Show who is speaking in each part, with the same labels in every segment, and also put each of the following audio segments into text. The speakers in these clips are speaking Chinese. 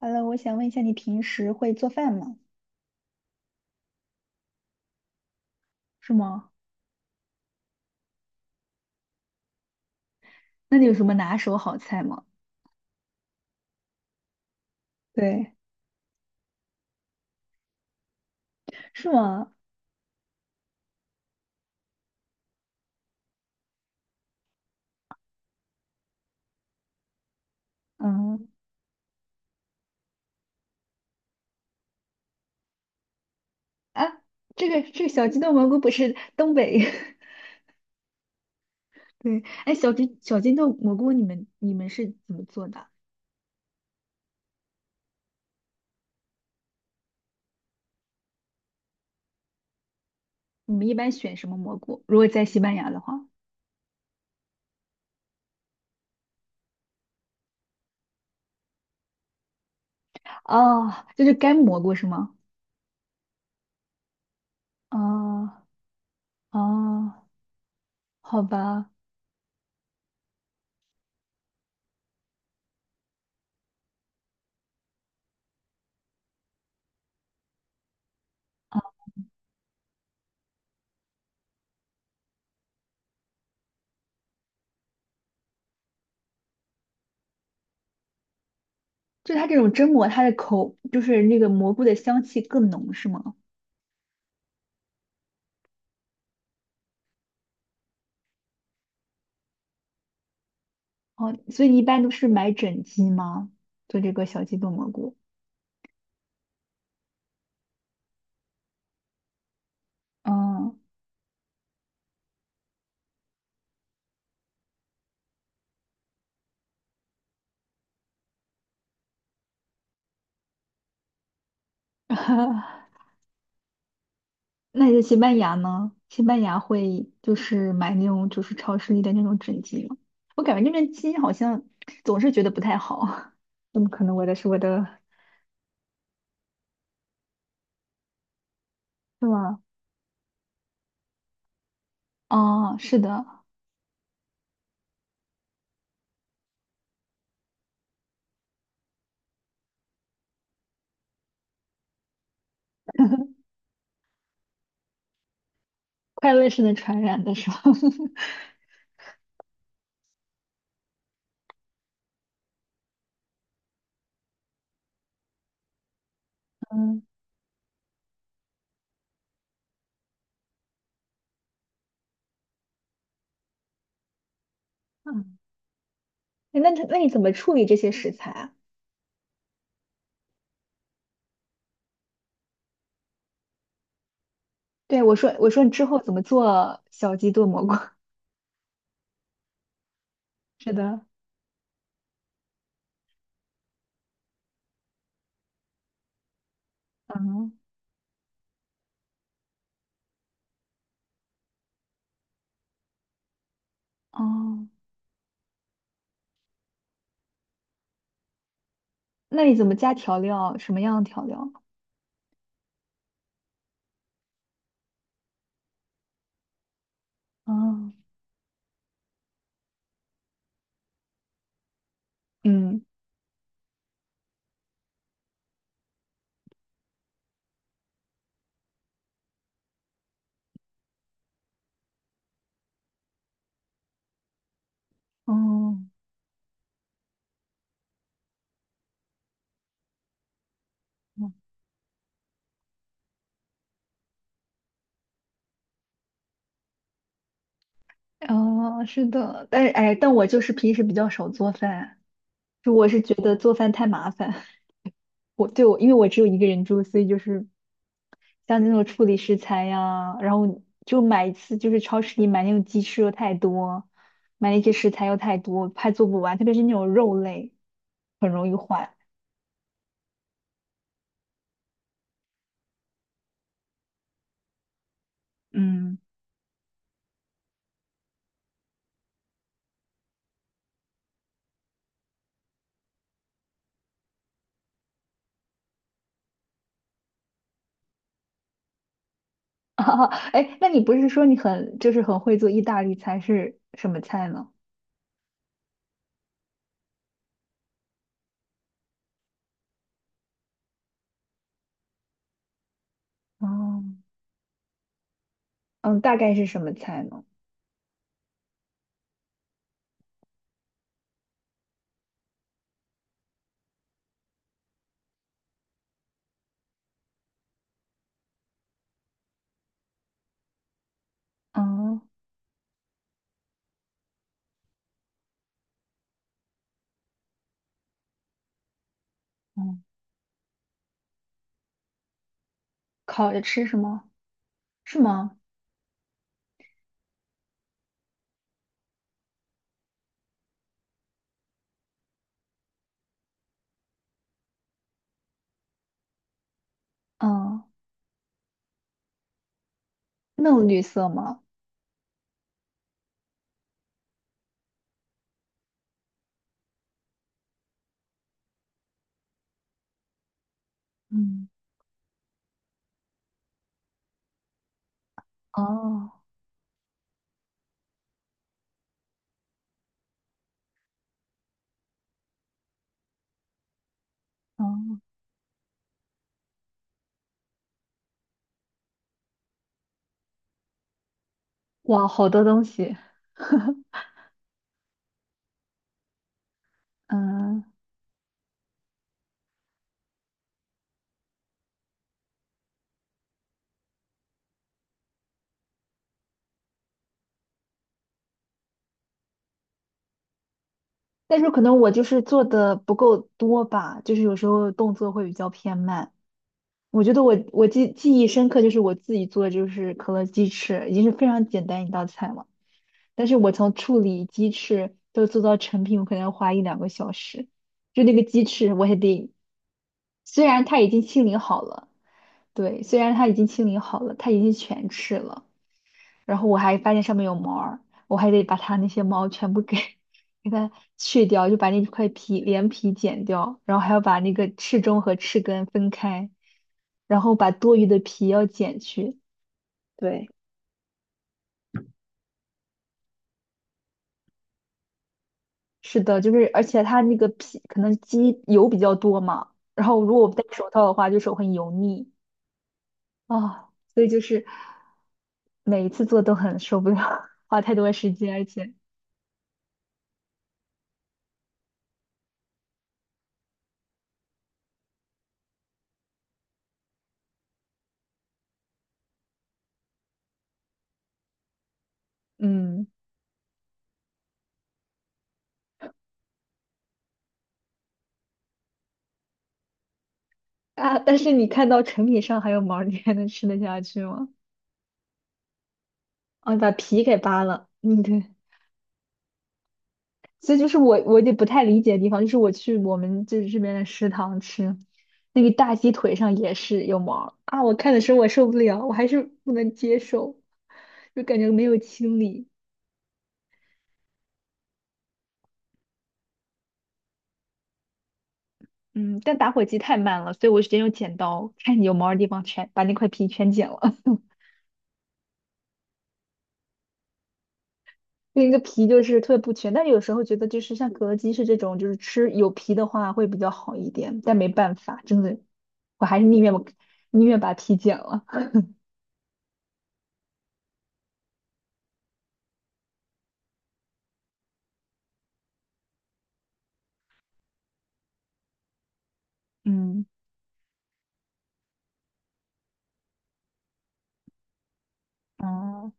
Speaker 1: h e 我想问一下，你平时会做饭吗？是吗？那你有什么拿手好菜吗？对，是吗？嗯啊，这个小鸡炖蘑菇不是东北。 对，哎，小鸡小金豆蘑菇，你们是怎么做的？你们一般选什么蘑菇？如果在西班牙的话，哦就是干蘑菇是吗？哦哦，好吧，就它这种蒸蘑，它的口就是那个蘑菇的香气更浓，是吗？哦，所以你一般都是买整鸡吗？做这个小鸡炖蘑菇。嗯，那在西班牙呢？西班牙会就是买那种就是超市里的那种整鸡吗？我感觉那边鸡好像总是觉得不太好。怎么可能？我的是我的，是吗？哦，是的，快乐是能传染的，是吧？嗯，嗯，诶那你怎么处理这些食材啊？对，我说你之后怎么做小鸡炖蘑菇？是的，嗯，哦。那你怎么加调料？什么样的调料？啊？嗯，哦，哦，是的，但是哎，但我就是平时比较少做饭，就我是觉得做饭太麻烦。我对我，因为我只有一个人住，所以就是像那种处理食材呀，然后就买一次，就是超市里买那种鸡翅又太多，买那些食材又太多，怕做不完，特别是那种肉类，很容易坏。嗯，哎那你不是说你很就是很会做意大利菜，是什么菜呢？哦，嗯，大概是什么菜呢？嗯嗯，烤着吃是吗？是吗？嗯，嫩绿色吗？嗯，哦哦，哇，好多东西。嗯，但是可能我就是做的不够多吧，就是有时候动作会比较偏慢。我觉得我记忆深刻，就是我自己做的就是可乐鸡翅，已经是非常简单一道菜了。但是我从处理鸡翅都做到成品，我可能要花一两个小时。就那个鸡翅，我还得，虽然它已经清理好了，对，虽然它已经清理好了，它已经全翅了，然后我还发现上面有毛儿，我还得把它那些毛全部给 给它去掉，就把那块皮连皮剪掉，然后还要把那个翅中和翅根分开，然后把多余的皮要剪去，对。是的，就是而且它那个皮可能鸡油比较多嘛，然后如果我不戴手套的话，就手很油腻啊，所以就是每一次做都很受不了，花太多时间，而且嗯但是你看到成品上还有毛儿你还能吃得下去吗？啊，你把皮给扒了，嗯，对。所以就是我有点不太理解的地方，就是我去我们这边的食堂吃，那个大鸡腿上也是有毛儿啊，我看的时候我受不了，我还是不能接受，就感觉没有清理。嗯，但打火机太慢了，所以我直接用剪刀，看你有毛儿的地方全把那块皮全剪了。那个皮就是特别不全，但有时候觉得就是像格鸡是这种，就是吃有皮的话会比较好一点，但没办法，真的，我还是宁愿把皮剪了。嗯，哦。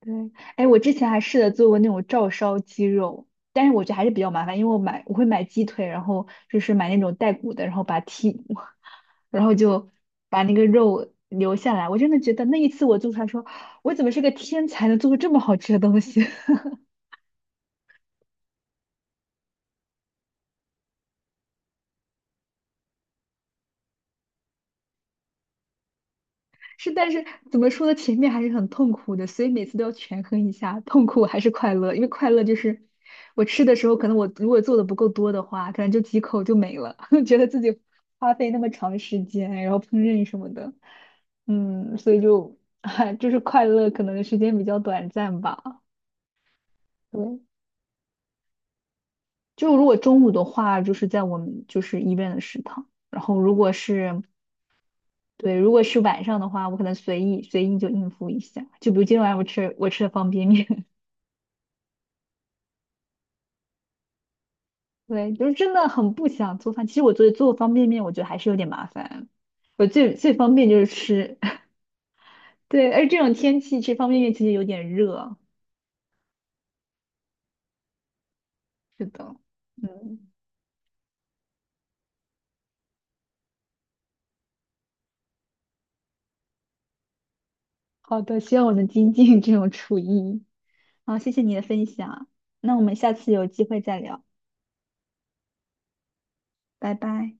Speaker 1: 对，哎，我之前还试着做过那种照烧鸡肉，但是我觉得还是比较麻烦，因为我会买鸡腿，然后就是买那种带骨的，然后把它剔，然后就把那个肉留下来。我真的觉得那一次我做出来说，我怎么是个天才，能做出这么好吃的东西？是，但是怎么说呢？前面还是很痛苦的，所以每次都要权衡一下，痛苦还是快乐。因为快乐就是我吃的时候，可能我如果做的不够多的话，可能就几口就没了，觉得自己花费那么长时间，然后烹饪什么的，嗯，所以就 就是快乐可能时间比较短暂吧。对，就如果中午的话，就是在我们就是医院的食堂，然后如果是对，如果是晚上的话，我可能随意就应付一下。就比如今天晚上我吃的方便面，对，就是真的很不想做饭。其实我做方便面，我觉得还是有点麻烦。我最方便就是吃，对，而这种天气吃方便面其实有点热。是的，嗯，好的，希望我能精进这种厨艺。好，谢谢你的分享，那我们下次有机会再聊，拜拜。